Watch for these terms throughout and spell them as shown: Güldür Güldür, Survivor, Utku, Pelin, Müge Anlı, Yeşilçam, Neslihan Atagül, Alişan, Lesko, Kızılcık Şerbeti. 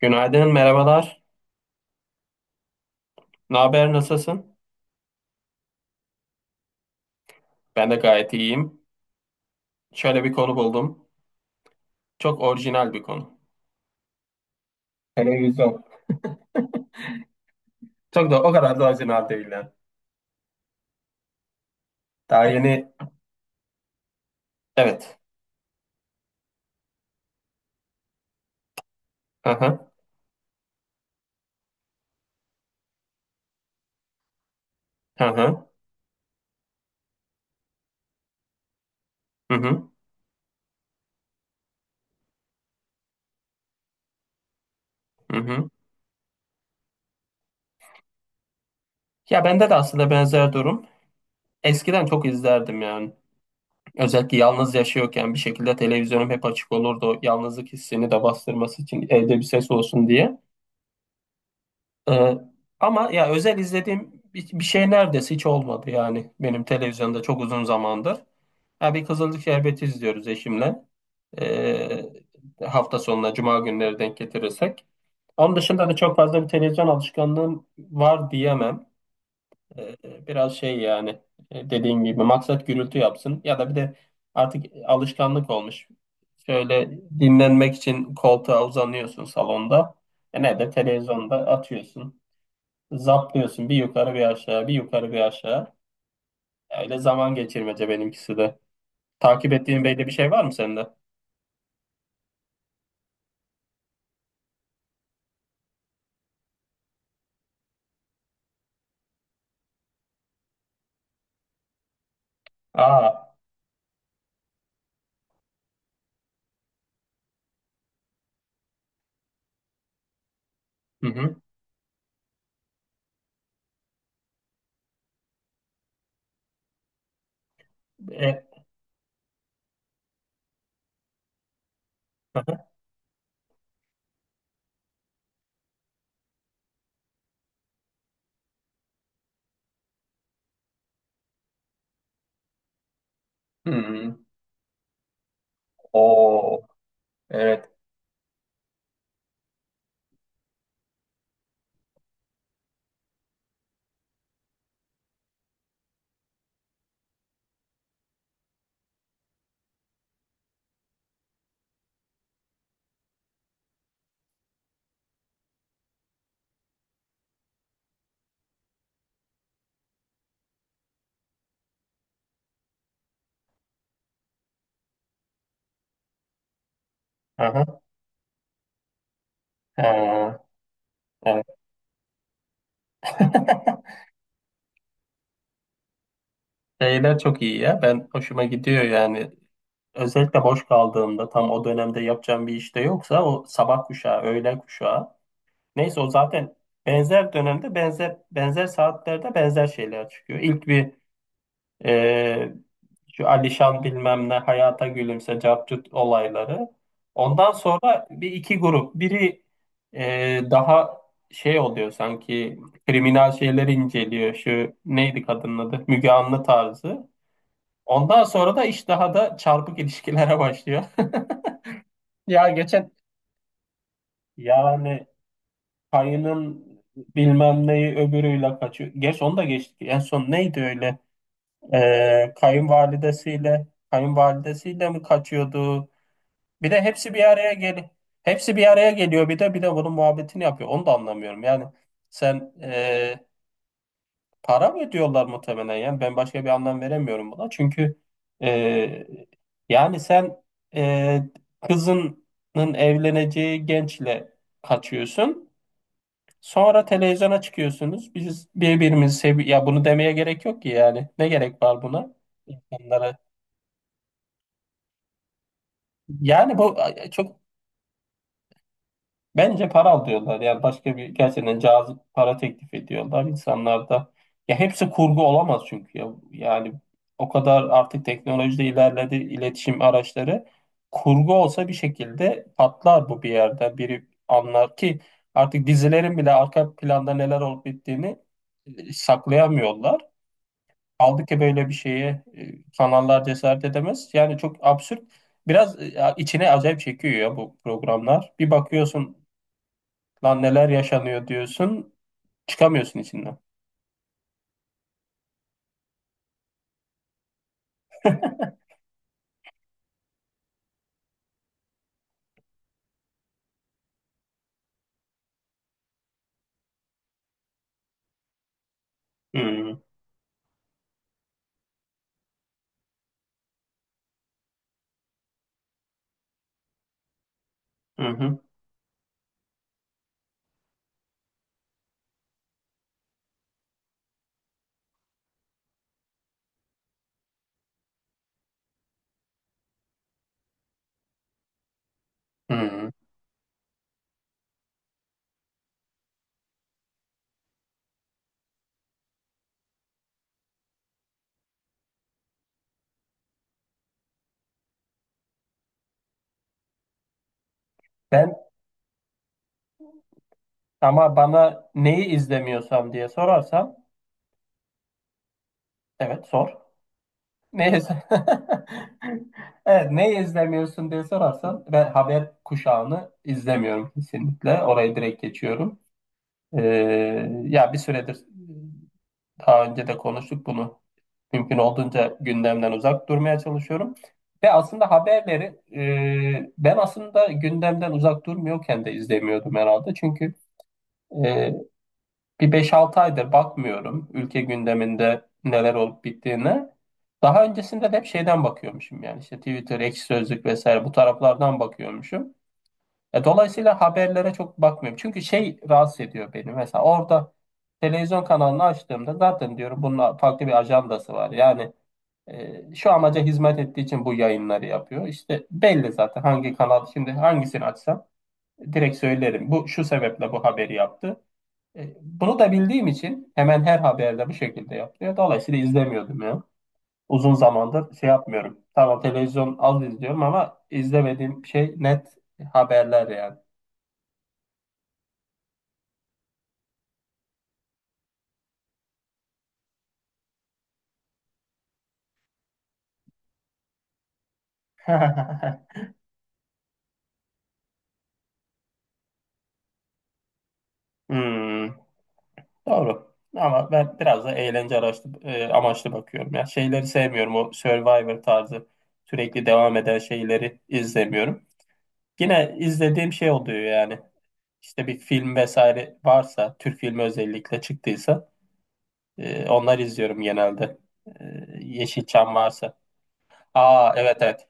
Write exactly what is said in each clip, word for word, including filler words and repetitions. Günaydın, merhabalar. Ne haber, nasılsın? Ben de gayet iyiyim. Şöyle bir konu buldum. Çok orijinal bir konu. Televizyon. Çok da o kadar da orijinal değil yani. Daha yeni... Evet. Hı hı. Hı hı. Hı hı. Hı hı. Ya bende de aslında benzer durum. Eskiden çok izlerdim yani. Özellikle yalnız yaşıyorken bir şekilde televizyonum hep açık olurdu. Yalnızlık hissini de bastırması için evde bir ses olsun diye. Ee, Ama ya özel izlediğim bir, bir şey neredeyse hiç olmadı yani benim televizyonda çok uzun zamandır. Ya bir Kızılcık Şerbeti izliyoruz eşimle. Ee, Hafta sonuna cuma günleri denk getirirsek. Onun dışında da çok fazla bir televizyon alışkanlığım var diyemem. Ee, Biraz şey yani, e, dediğim gibi maksat gürültü yapsın, ya da bir de artık alışkanlık olmuş. Şöyle, dinlenmek için koltuğa uzanıyorsun salonda. E ne de televizyonda atıyorsun. Zaplıyorsun bir yukarı bir aşağı, bir yukarı bir aşağı. Öyle zaman geçirmece benimkisi de. Takip ettiğin belli bir şey var mı sende? Aa. Hı hı. E, hı hı. Hmm. Oo. Evet. Hı hı. Ha, evet. Şeyler çok iyi ya. Ben hoşuma gidiyor yani. Özellikle boş kaldığımda tam o dönemde yapacağım bir işte yoksa o sabah kuşağı, öğlen kuşağı. Neyse, o zaten benzer dönemde benzer benzer saatlerde benzer şeyler çıkıyor. İlk bir... Ee, Şu Alişan bilmem ne hayata gülümse capcut olayları. Ondan sonra bir iki grup. Biri e, daha şey oluyor sanki, kriminal şeyleri inceliyor. Şu neydi kadının adı? Müge Anlı tarzı. Ondan sonra da iş daha da çarpık ilişkilere başlıyor. Ya geçen, yani Kayı'nın bilmem neyi öbürüyle kaçıyor. Gerçi onu da geçtik. En son neydi öyle? Ee, kayınvalidesiyle, kayınvalidesiyle mi kaçıyordu? Bir de hepsi bir araya gel Hepsi bir araya geliyor, bir de bir de bunun muhabbetini yapıyor. Onu da anlamıyorum. Yani sen, e, para mı ödüyorlar muhtemelen, yani ben başka bir anlam veremiyorum buna. Çünkü, e, yani sen, e, kızının evleneceği gençle kaçıyorsun. Sonra televizyona çıkıyorsunuz. Biz birbirimizi sevi... Ya bunu demeye gerek yok ki yani. Ne gerek var buna? İnsanlara Yani bu, e, çok, bence para alıyorlar. Yani başka bir, gerçekten cazip para teklif ediyorlar. İnsanlar da... Ya hepsi kurgu olamaz çünkü ya. Yani o kadar artık teknolojide ilerledi iletişim araçları. Kurgu olsa bir şekilde patlar bu bir yerde. Biri anlar ki artık dizilerin bile arka planda neler olup bittiğini e, saklayamıyorlar. Kaldı ki böyle bir şeye e, kanallar cesaret edemez. Yani çok absürt. Biraz e, içine acayip çekiyor ya bu programlar. Bir bakıyorsun lan neler yaşanıyor diyorsun. Çıkamıyorsun içinden. Hı hı hı. Hı. Ben, ama bana neyi izlemiyorsam diye sorarsan, evet sor. Neyi iz- Evet, neyi izlemiyorsun diye sorarsan, ben haber kuşağını izlemiyorum kesinlikle. Orayı direkt geçiyorum. Ee, Ya bir süredir, daha önce de konuştuk bunu, mümkün olduğunca gündemden uzak durmaya çalışıyorum. Ve aslında haberleri, e, ben aslında gündemden uzak durmuyorken de izlemiyordum herhalde. Çünkü, e, bir beş altı aydır bakmıyorum ülke gündeminde neler olup bittiğine. Daha öncesinde de hep şeyden bakıyormuşum, yani işte Twitter, Ekşi Sözlük vesaire, bu taraflardan bakıyormuşum. Ya dolayısıyla haberlere çok bakmıyorum. Çünkü şey, rahatsız ediyor beni. Mesela orada televizyon kanalını açtığımda zaten diyorum bunun farklı bir ajandası var. Yani, e, şu amaca hizmet ettiği için bu yayınları yapıyor. İşte belli zaten hangi kanal, şimdi hangisini açsam direkt söylerim. Bu şu sebeple bu haberi yaptı. E, bunu da bildiğim için hemen her haberde bu şekilde yapıyor. Dolayısıyla izlemiyordum ya. Uzun zamandır şey yapmıyorum. Tamam, televizyon az izliyorum ama izlemediğim şey net, haberler yani. Hmm, doğru. Ama ben biraz da eğlence araçlı, e, amaçlı bakıyorum. Ya şeyleri sevmiyorum. O Survivor tarzı sürekli devam eden şeyleri izlemiyorum. Yine izlediğim şey oluyor yani. İşte bir film vesaire varsa, Türk filmi özellikle çıktıysa e, onları izliyorum genelde. E, Yeşilçam varsa. Aa, evet evet.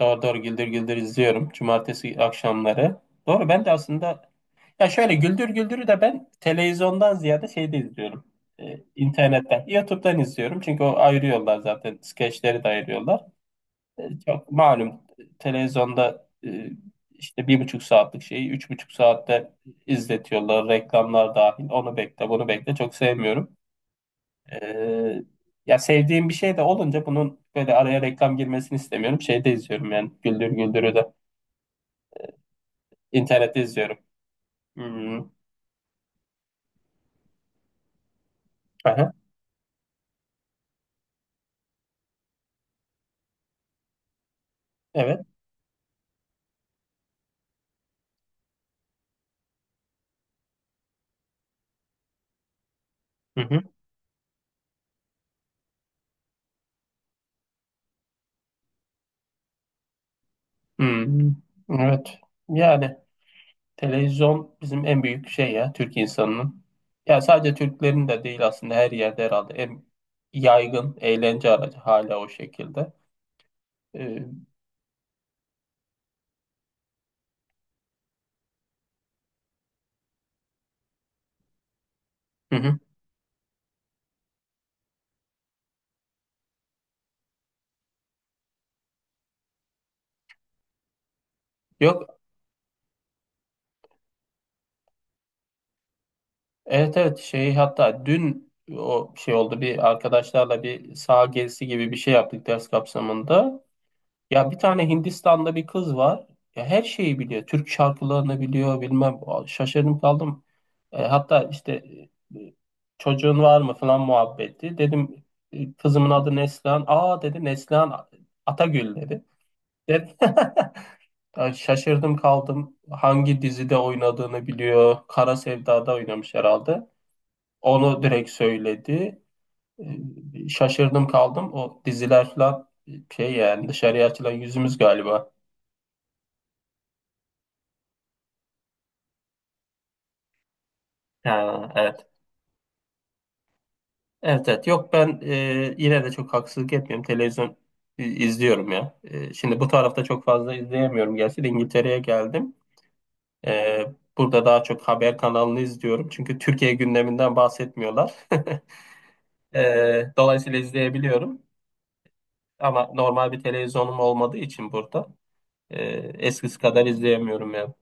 Doğru doğru, Güldür Güldür izliyorum. Cumartesi akşamları. Doğru, ben de aslında... Ya şöyle, Güldür Güldür'ü de ben televizyondan ziyade şeyde izliyorum. Ee, internetten, YouTube'dan izliyorum. Çünkü o ayırıyorlar zaten. Skeçleri de ayırıyorlar. Ee, çok malum, televizyonda e, işte bir buçuk saatlik şeyi üç buçuk saatte izletiyorlar. Reklamlar dahil. Onu bekle, bunu bekle. Çok sevmiyorum. Ee, Ya sevdiğim bir şey de olunca bunun böyle araya reklam girmesini istemiyorum. Şeyde izliyorum yani. Güldür Güldür'ü de internette izliyorum. Hmm. Aha, evet. Hı. Hmm, evet. Yani televizyon bizim en büyük şey ya, Türk insanının. Ya sadece Türklerin de değil aslında, her yerde herhalde en yaygın eğlence aracı hala o şekilde. Ee, hı hı. Yok, evet evet, şey, hatta dün o şey oldu, bir arkadaşlarla bir saha gezisi gibi bir şey yaptık ders kapsamında. Ya bir tane Hindistan'da bir kız var. Ya her şeyi biliyor. Türk şarkılarını biliyor, bilmem. Şaşırdım kaldım. E, hatta işte e, çocuğun var mı falan muhabbeti. Dedim e, kızımın adı Neslihan. Aa, dedi, Neslihan Atagül, dedi. Dedim, ya şaşırdım kaldım. Hangi dizide oynadığını biliyor. Kara Sevda'da oynamış herhalde. Onu direkt söyledi. E, şaşırdım kaldım. O diziler falan, şey yani dışarıya açılan yüzümüz galiba. Ha, evet. Evet evet. Yok ben, e, yine de çok haksızlık etmiyorum. Televizyon i- izliyorum ya. E, şimdi bu tarafta çok fazla izleyemiyorum. Gerçi de İngiltere'ye geldim. E, Burada daha çok haber kanalını izliyorum. Çünkü Türkiye gündeminden bahsetmiyorlar. E, dolayısıyla izleyebiliyorum. Ama normal bir televizyonum olmadığı için burada e, eskisi kadar izleyemiyorum.